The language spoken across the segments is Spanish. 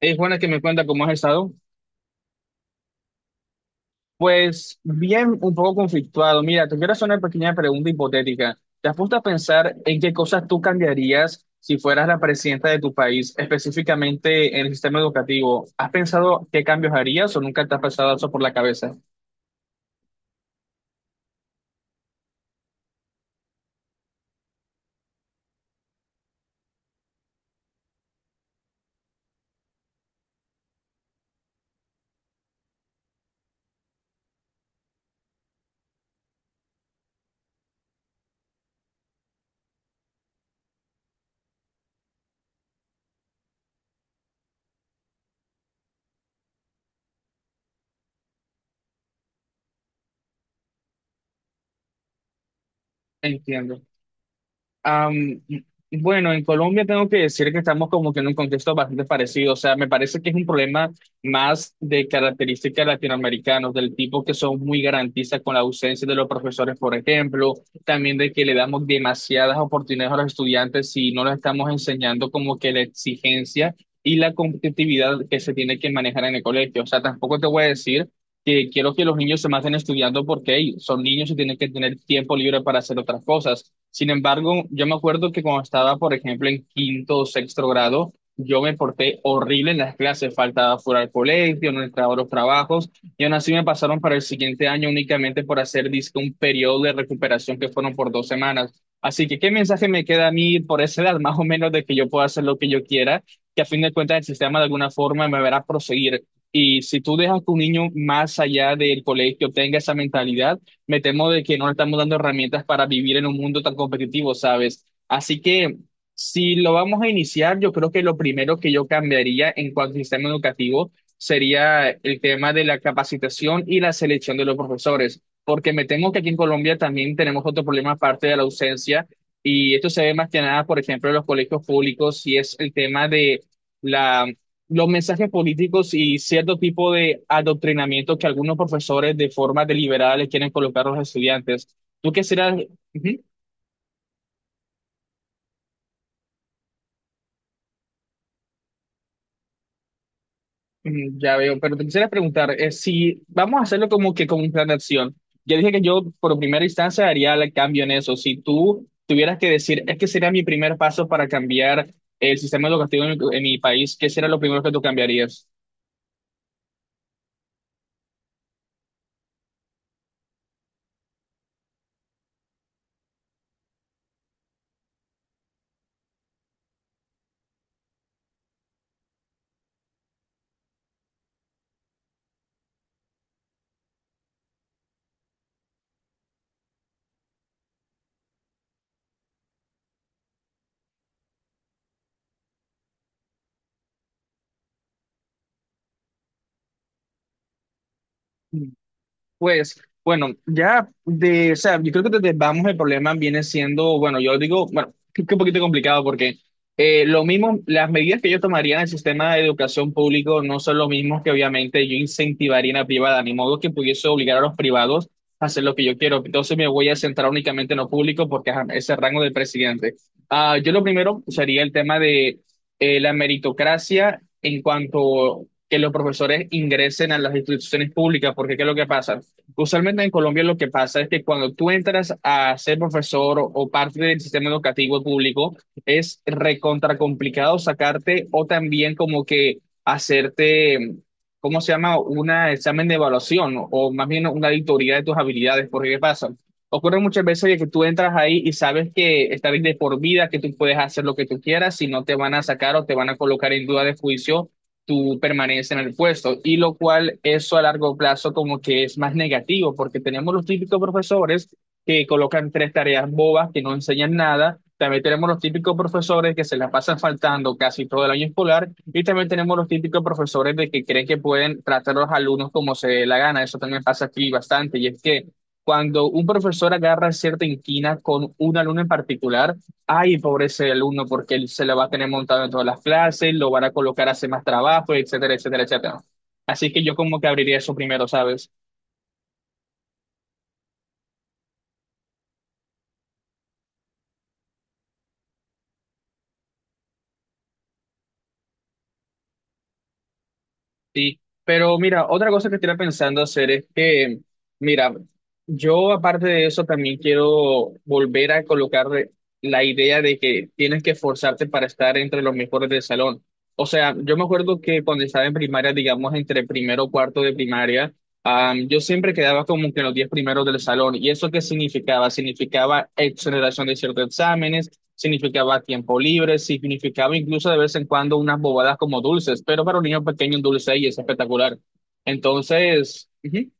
Es buena que me cuenta cómo has estado. Pues bien, un poco conflictuado. Mira, te quiero hacer una pequeña pregunta hipotética. ¿Te has puesto a pensar en qué cosas tú cambiarías si fueras la presidenta de tu país, específicamente en el sistema educativo? ¿Has pensado qué cambios harías o nunca te has pasado eso por la cabeza? Entiendo. Am, bueno, en Colombia tengo que decir que estamos como que en un contexto bastante parecido. O sea, me parece que es un problema más de características latinoamericanos, del tipo que son muy garantistas con la ausencia de los profesores, por ejemplo. También de que le damos demasiadas oportunidades a los estudiantes si no les estamos enseñando como que la exigencia y la competitividad que se tiene que manejar en el colegio. O sea, tampoco te voy a decir que quiero que los niños se maten estudiando porque hey, son niños y tienen que tener tiempo libre para hacer otras cosas. Sin embargo, yo me acuerdo que cuando estaba, por ejemplo, en quinto o sexto grado, yo me porté horrible en las clases, faltaba fuera al colegio, no entraba a los trabajos, y aún así me pasaron para el siguiente año únicamente por hacer, dizque, un periodo de recuperación que fueron por 2 semanas. Así que, ¿qué mensaje me queda a mí por esa edad, más o menos, de que yo pueda hacer lo que yo quiera, que a fin de cuentas el sistema de alguna forma me verá proseguir? Y si tú dejas que un niño más allá del colegio tenga esa mentalidad, me temo de que no le estamos dando herramientas para vivir en un mundo tan competitivo, ¿sabes? Así que si lo vamos a iniciar, yo creo que lo primero que yo cambiaría en cuanto al sistema educativo sería el tema de la capacitación y la selección de los profesores, porque me temo que aquí en Colombia también tenemos otro problema aparte de la ausencia, y esto se ve más que nada, por ejemplo, en los colegios públicos, y es el tema de la los mensajes políticos y cierto tipo de adoctrinamiento que algunos profesores de forma deliberada les quieren colocar a los estudiantes. Tú quisieras, ujú. Ujú, ya veo, pero te quisiera preguntar, si vamos a hacerlo como que como un plan de acción. Ya dije que yo por primera instancia haría el cambio en eso. Si tú tuvieras que decir, es que sería mi primer paso para cambiar el sistema educativo en mi país, ¿qué sería lo primero que tú cambiarías? Pues bueno, ya de, o sea, yo creo que desde vamos el problema viene siendo, bueno, yo digo, bueno, que un poquito complicado porque lo mismo, las medidas que yo tomaría en el sistema de educación público no son lo mismo que obviamente yo incentivaría en la privada, ni modo que pudiese obligar a los privados a hacer lo que yo quiero. Entonces me voy a centrar únicamente en lo público porque ajá, es el rango del presidente. Ah, yo lo primero sería el tema de la meritocracia en cuanto que los profesores ingresen a las instituciones públicas, porque ¿qué es lo que pasa? Usualmente en Colombia lo que pasa es que cuando tú entras a ser profesor o parte del sistema educativo público, es recontra complicado sacarte o también como que hacerte, ¿cómo se llama? Un examen de evaluación o más bien una auditoría de tus habilidades. Porque ¿qué pasa? Ocurre muchas veces de que tú entras ahí y sabes que estás de por vida, que tú puedes hacer lo que tú quieras, si no te van a sacar o te van a colocar en duda de juicio tú permaneces en el puesto, y lo cual eso a largo plazo como que es más negativo, porque tenemos los típicos profesores que colocan 3 tareas bobas que no enseñan nada, también tenemos los típicos profesores que se la pasan faltando casi todo el año escolar, y también tenemos los típicos profesores de que creen que pueden tratar a los alumnos como se dé la gana, eso también pasa aquí bastante, y es que cuando un profesor agarra cierta inquina con un alumno en particular, ay, pobre ese alumno, porque él se la va a tener montado en todas las clases, lo van a colocar a hacer más trabajo, etcétera, etcétera, etcétera. Así que yo como que abriría eso primero, ¿sabes? Sí. Pero mira, otra cosa que estoy pensando hacer es que, mira, yo aparte de eso también quiero volver a colocar la idea de que tienes que esforzarte para estar entre los mejores del salón. O sea, yo me acuerdo que cuando estaba en primaria, digamos entre primero o cuarto de primaria, yo siempre quedaba como que en los 10 primeros del salón. ¿Y eso qué significaba? Significaba exoneración de ciertos exámenes, significaba tiempo libre, significaba incluso de vez en cuando unas bobadas como dulces, pero para un niño pequeño un dulce ahí es espectacular. Entonces, ujú.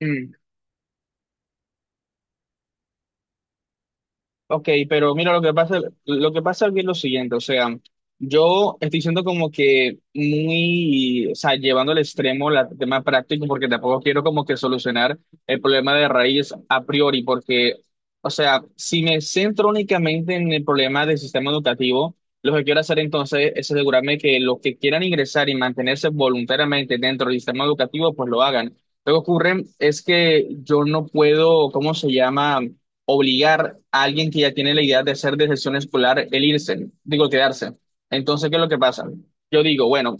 Mm. Ok, pero mira, lo que pasa aquí es lo siguiente, o sea, yo estoy siendo como que muy, o sea, llevando al extremo el tema práctico, porque tampoco quiero como que solucionar el problema de raíz a priori, porque, o sea, si me centro únicamente en el problema del sistema educativo, lo que quiero hacer entonces es asegurarme que los que quieran ingresar y mantenerse voluntariamente dentro del sistema educativo, pues lo hagan. Lo que ocurre es que yo no puedo, ¿cómo se llama? Obligar a alguien que ya tiene la idea de hacer deserción escolar el irse, digo, quedarse. Entonces, ¿qué es lo que pasa? Yo digo, bueno,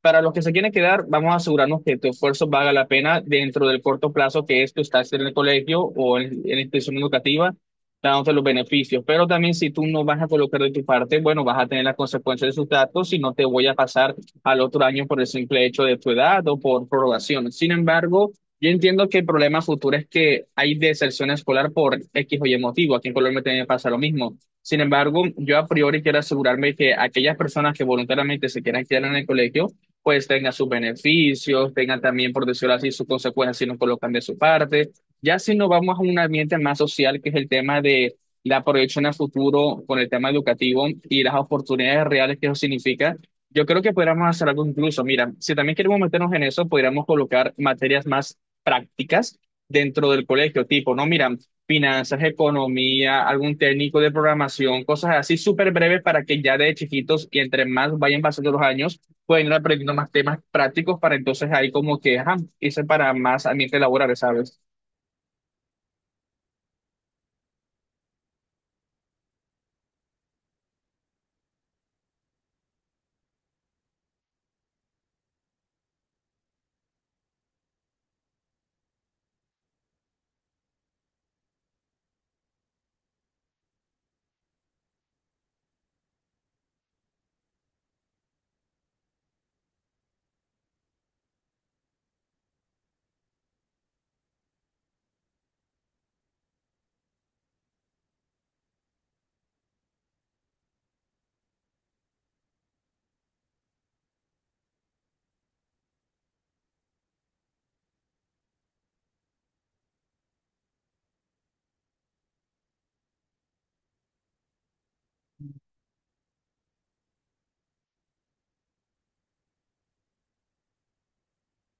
para los que se quieren quedar, vamos a asegurarnos que tu esfuerzo valga la pena dentro del corto plazo que es tu estancia en el colegio o en la institución educativa, dándote los beneficios. Pero también si tú no vas a colocar de tu parte, bueno, vas a tener las consecuencias de sus datos y no te voy a pasar al otro año por el simple hecho de tu edad o por prorrogación. Sin embargo, yo entiendo que el problema futuro es que hay deserción escolar por X o Y motivo. Aquí en Colombia también pasa lo mismo. Sin embargo, yo a priori quiero asegurarme que aquellas personas que voluntariamente se quieran quedar en el colegio, pues tengan sus beneficios, tengan también, por decirlo así, sus consecuencias si no colocan de su parte. Ya si nos vamos a un ambiente más social, que es el tema de la proyección a futuro con el tema educativo y las oportunidades reales que eso significa. Yo creo que podríamos hacer algo incluso. Mira, si también queremos meternos en eso, podríamos colocar materias más prácticas dentro del colegio, tipo, no, mira, finanzas, economía, algún técnico de programación, cosas así súper breves para que ya de chiquitos y entre más vayan pasando los años, pueden ir aprendiendo más temas prácticos para entonces ahí como que, ajá, irse para más ambientes laborales, ¿sabes?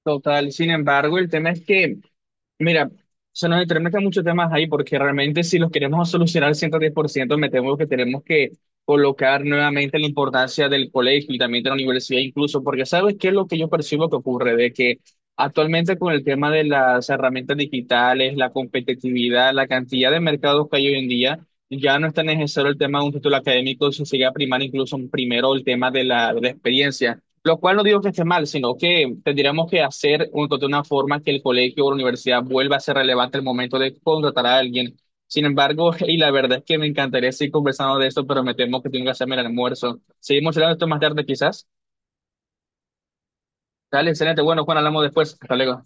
Total, sin embargo, el tema es que, mira, se nos entremezclan muchos temas ahí porque realmente si los queremos solucionar al 110%, me temo que tenemos que colocar nuevamente la importancia del colegio y también de la universidad incluso, porque ¿sabes qué es lo que yo percibo que ocurre? De que actualmente con el tema de las herramientas digitales, la competitividad, la cantidad de mercados que hay hoy en día, ya no es tan necesario el tema de un título académico, si se sigue a primar incluso primero el tema de la experiencia. Lo cual no digo que esté mal, sino que tendríamos que hacer de una forma que el colegio o la universidad vuelva a ser relevante el momento de contratar a alguien. Sin embargo, y la verdad es que me encantaría seguir conversando de esto, pero me temo que tengo que hacerme el almuerzo. Seguimos hablando de esto más tarde, quizás. Dale, excelente. Bueno, Juan, hablamos después. Hasta luego.